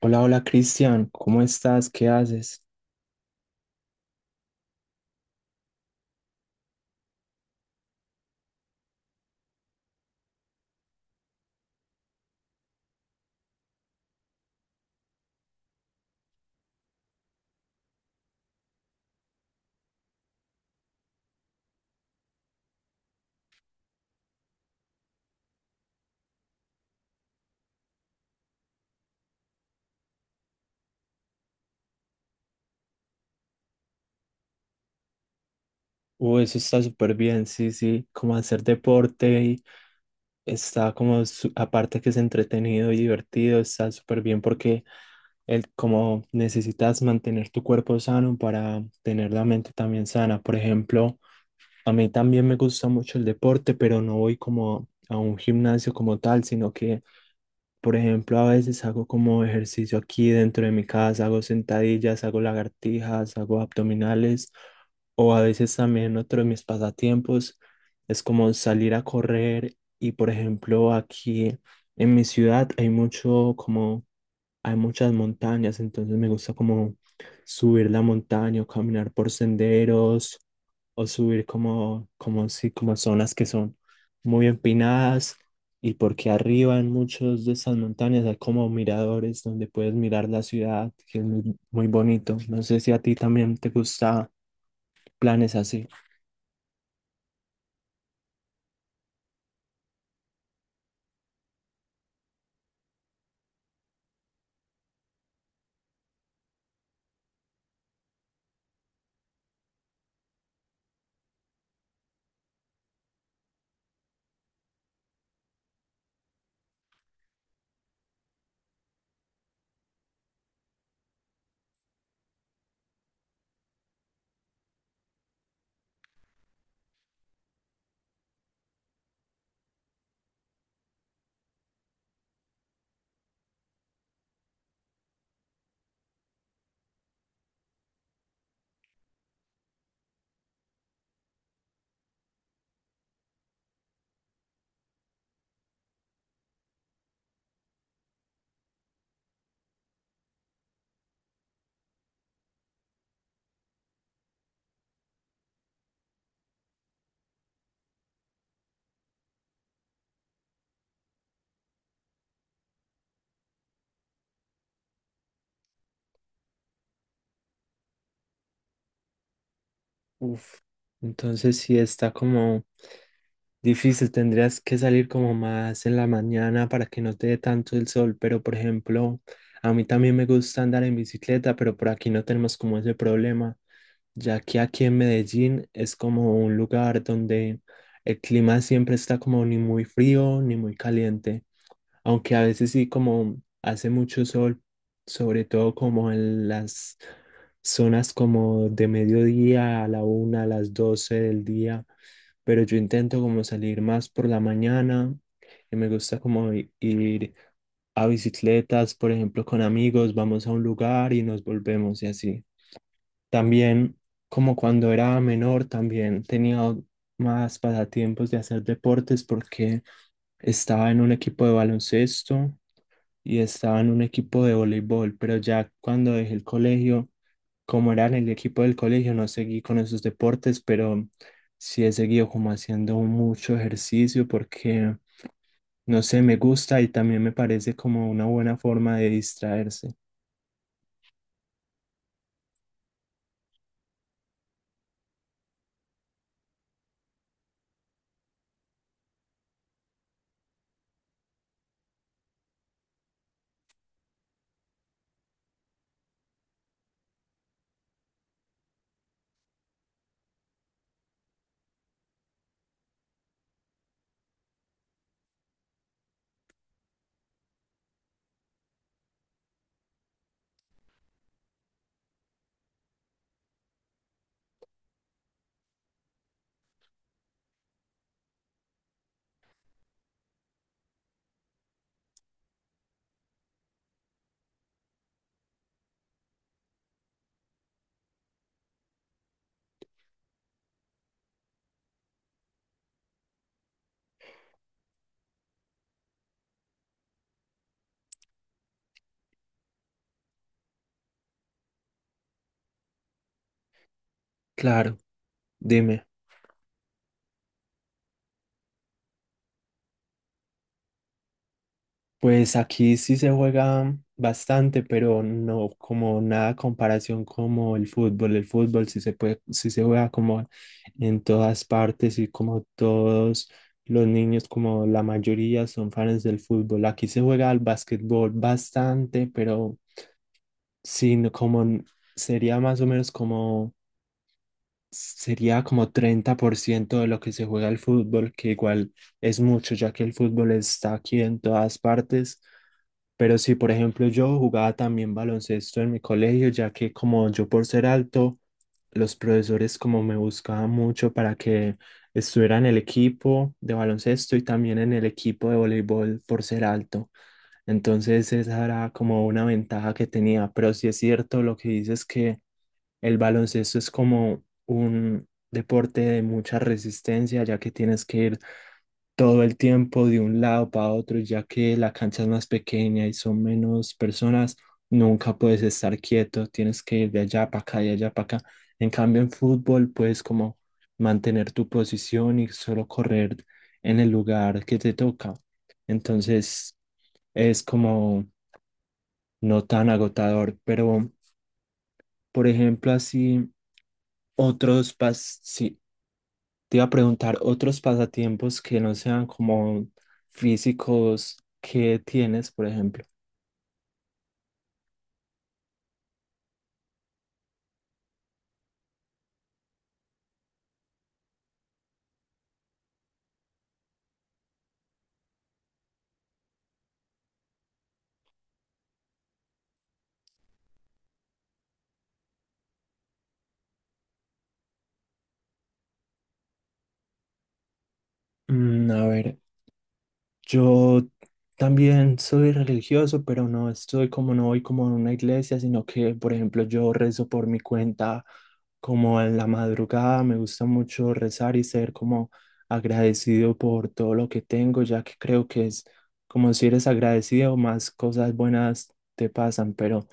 Hola, hola Cristian, ¿cómo estás? ¿Qué haces? Eso está súper bien, sí, sí, como hacer deporte y está como, aparte que es entretenido y divertido, está súper bien porque como necesitas mantener tu cuerpo sano para tener la mente también sana. Por ejemplo, a mí también me gusta mucho el deporte, pero no voy como a un gimnasio como tal, sino que, por ejemplo, a veces hago como ejercicio aquí dentro de mi casa, hago sentadillas, hago lagartijas, hago abdominales, o a veces también otro de mis pasatiempos es como salir a correr y, por ejemplo, aquí en mi ciudad hay mucho como, hay muchas montañas, entonces me gusta como subir la montaña o caminar por senderos o subir si, como zonas que son muy empinadas y porque arriba en muchos de esas montañas hay como miradores donde puedes mirar la ciudad, que es muy, muy bonito. No sé si a ti también te gusta planes así. Entonces sí está como difícil, tendrías que salir como más en la mañana para que no te dé tanto el sol, pero por ejemplo, a mí también me gusta andar en bicicleta, pero por aquí no tenemos como ese problema, ya que aquí en Medellín es como un lugar donde el clima siempre está como ni muy frío ni muy caliente aunque a veces sí como hace mucho sol, sobre todo como en las zonas como de mediodía a la 1, a las 12 del día, pero yo intento como salir más por la mañana y me gusta como ir a bicicletas, por ejemplo, con amigos, vamos a un lugar y nos volvemos y así. También, como cuando era menor, también tenía más pasatiempos de hacer deportes porque estaba en un equipo de baloncesto y estaba en un equipo de voleibol, pero ya cuando dejé el colegio, como era en el equipo del colegio, no seguí con esos deportes, pero sí he seguido como haciendo mucho ejercicio porque, no sé, me gusta y también me parece como una buena forma de distraerse. Claro, dime. Pues aquí sí se juega bastante, pero no como nada comparación como el fútbol. El fútbol sí se puede, sí se juega como en todas partes y como todos los niños, como la mayoría son fans del fútbol. Aquí se juega al básquetbol bastante, pero sí, como sería más o menos como sería como 30% de lo que se juega el fútbol, que igual es mucho, ya que el fútbol está aquí en todas partes. Pero sí, por ejemplo, yo jugaba también baloncesto en mi colegio, ya que como yo por ser alto, los profesores como me buscaban mucho para que estuviera en el equipo de baloncesto y también en el equipo de voleibol por ser alto. Entonces esa era como una ventaja que tenía, pero sí es cierto lo que dices que el baloncesto es como un deporte de mucha resistencia, ya que tienes que ir todo el tiempo de un lado para otro, ya que la cancha es más pequeña y son menos personas, nunca puedes estar quieto, tienes que ir de allá para acá, de allá para acá. En cambio, en fútbol puedes como mantener tu posición y solo correr en el lugar que te toca. Entonces, es como no tan agotador, pero por ejemplo, así otros sí, te iba a preguntar otros pasatiempos que no sean como físicos que tienes, por ejemplo. A ver, yo también soy religioso, pero no estoy como, no voy como a una iglesia, sino que, por ejemplo, yo rezo por mi cuenta como en la madrugada. Me gusta mucho rezar y ser como agradecido por todo lo que tengo, ya que creo que es como si eres agradecido, más cosas buenas te pasan, pero.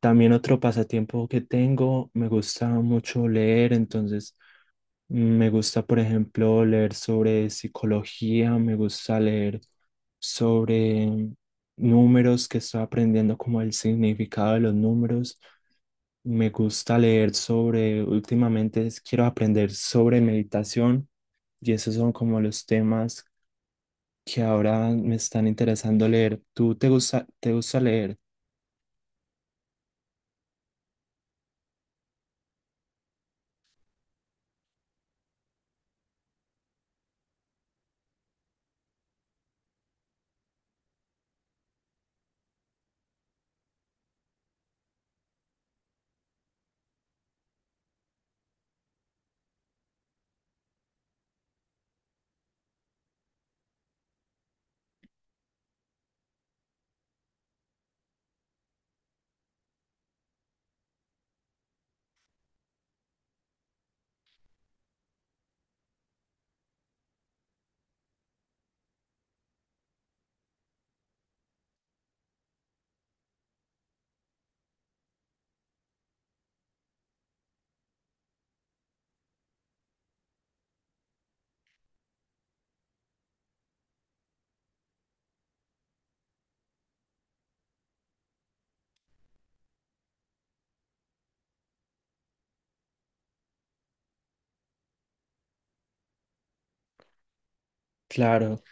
También otro pasatiempo que tengo, me gusta mucho leer, entonces me gusta, por ejemplo, leer sobre psicología, me gusta leer sobre números que estoy aprendiendo como el significado de los números. Me gusta leer sobre, últimamente quiero aprender sobre meditación y esos son como los temas que ahora me están interesando leer. Te gusta leer? Claro,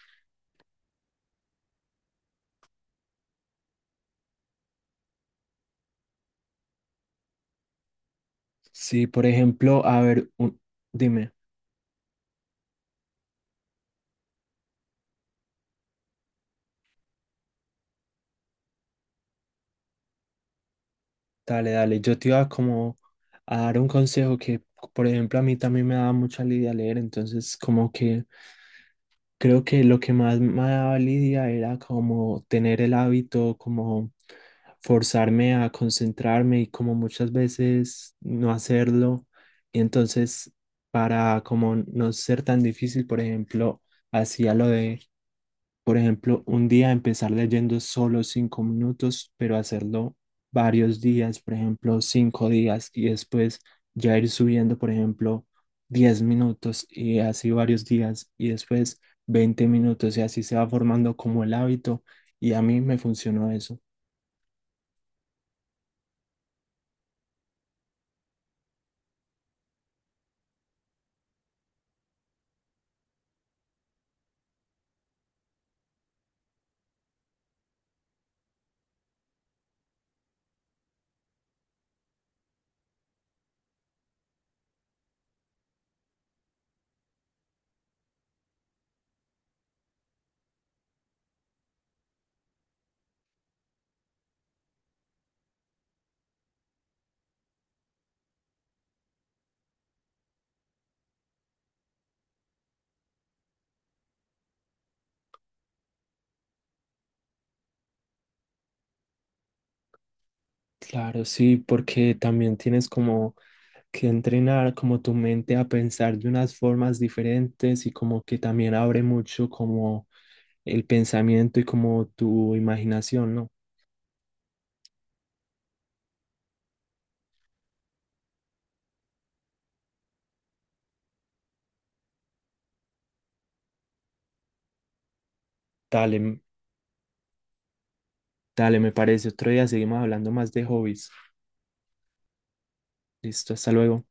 sí, por ejemplo, a ver, dime, dale, dale, yo te iba como a dar un consejo que, por ejemplo, a mí también me daba mucha lidia leer, entonces como que creo que lo que más me daba lidia era como tener el hábito, como forzarme a concentrarme y como muchas veces no hacerlo, y entonces para como no ser tan difícil, por ejemplo, hacía lo de, por ejemplo, un día empezar leyendo solo 5 minutos, pero hacerlo varios días, por ejemplo, 5 días y después ya ir subiendo, por ejemplo, 10 minutos y así varios días y después 20 minutos y así se va formando como el hábito y a mí me funcionó eso. Claro, sí, porque también tienes como que entrenar como tu mente a pensar de unas formas diferentes y como que también abre mucho como el pensamiento y como tu imaginación, ¿no? Dale, dale, me parece. Otro día seguimos hablando más de hobbies. Listo, hasta luego.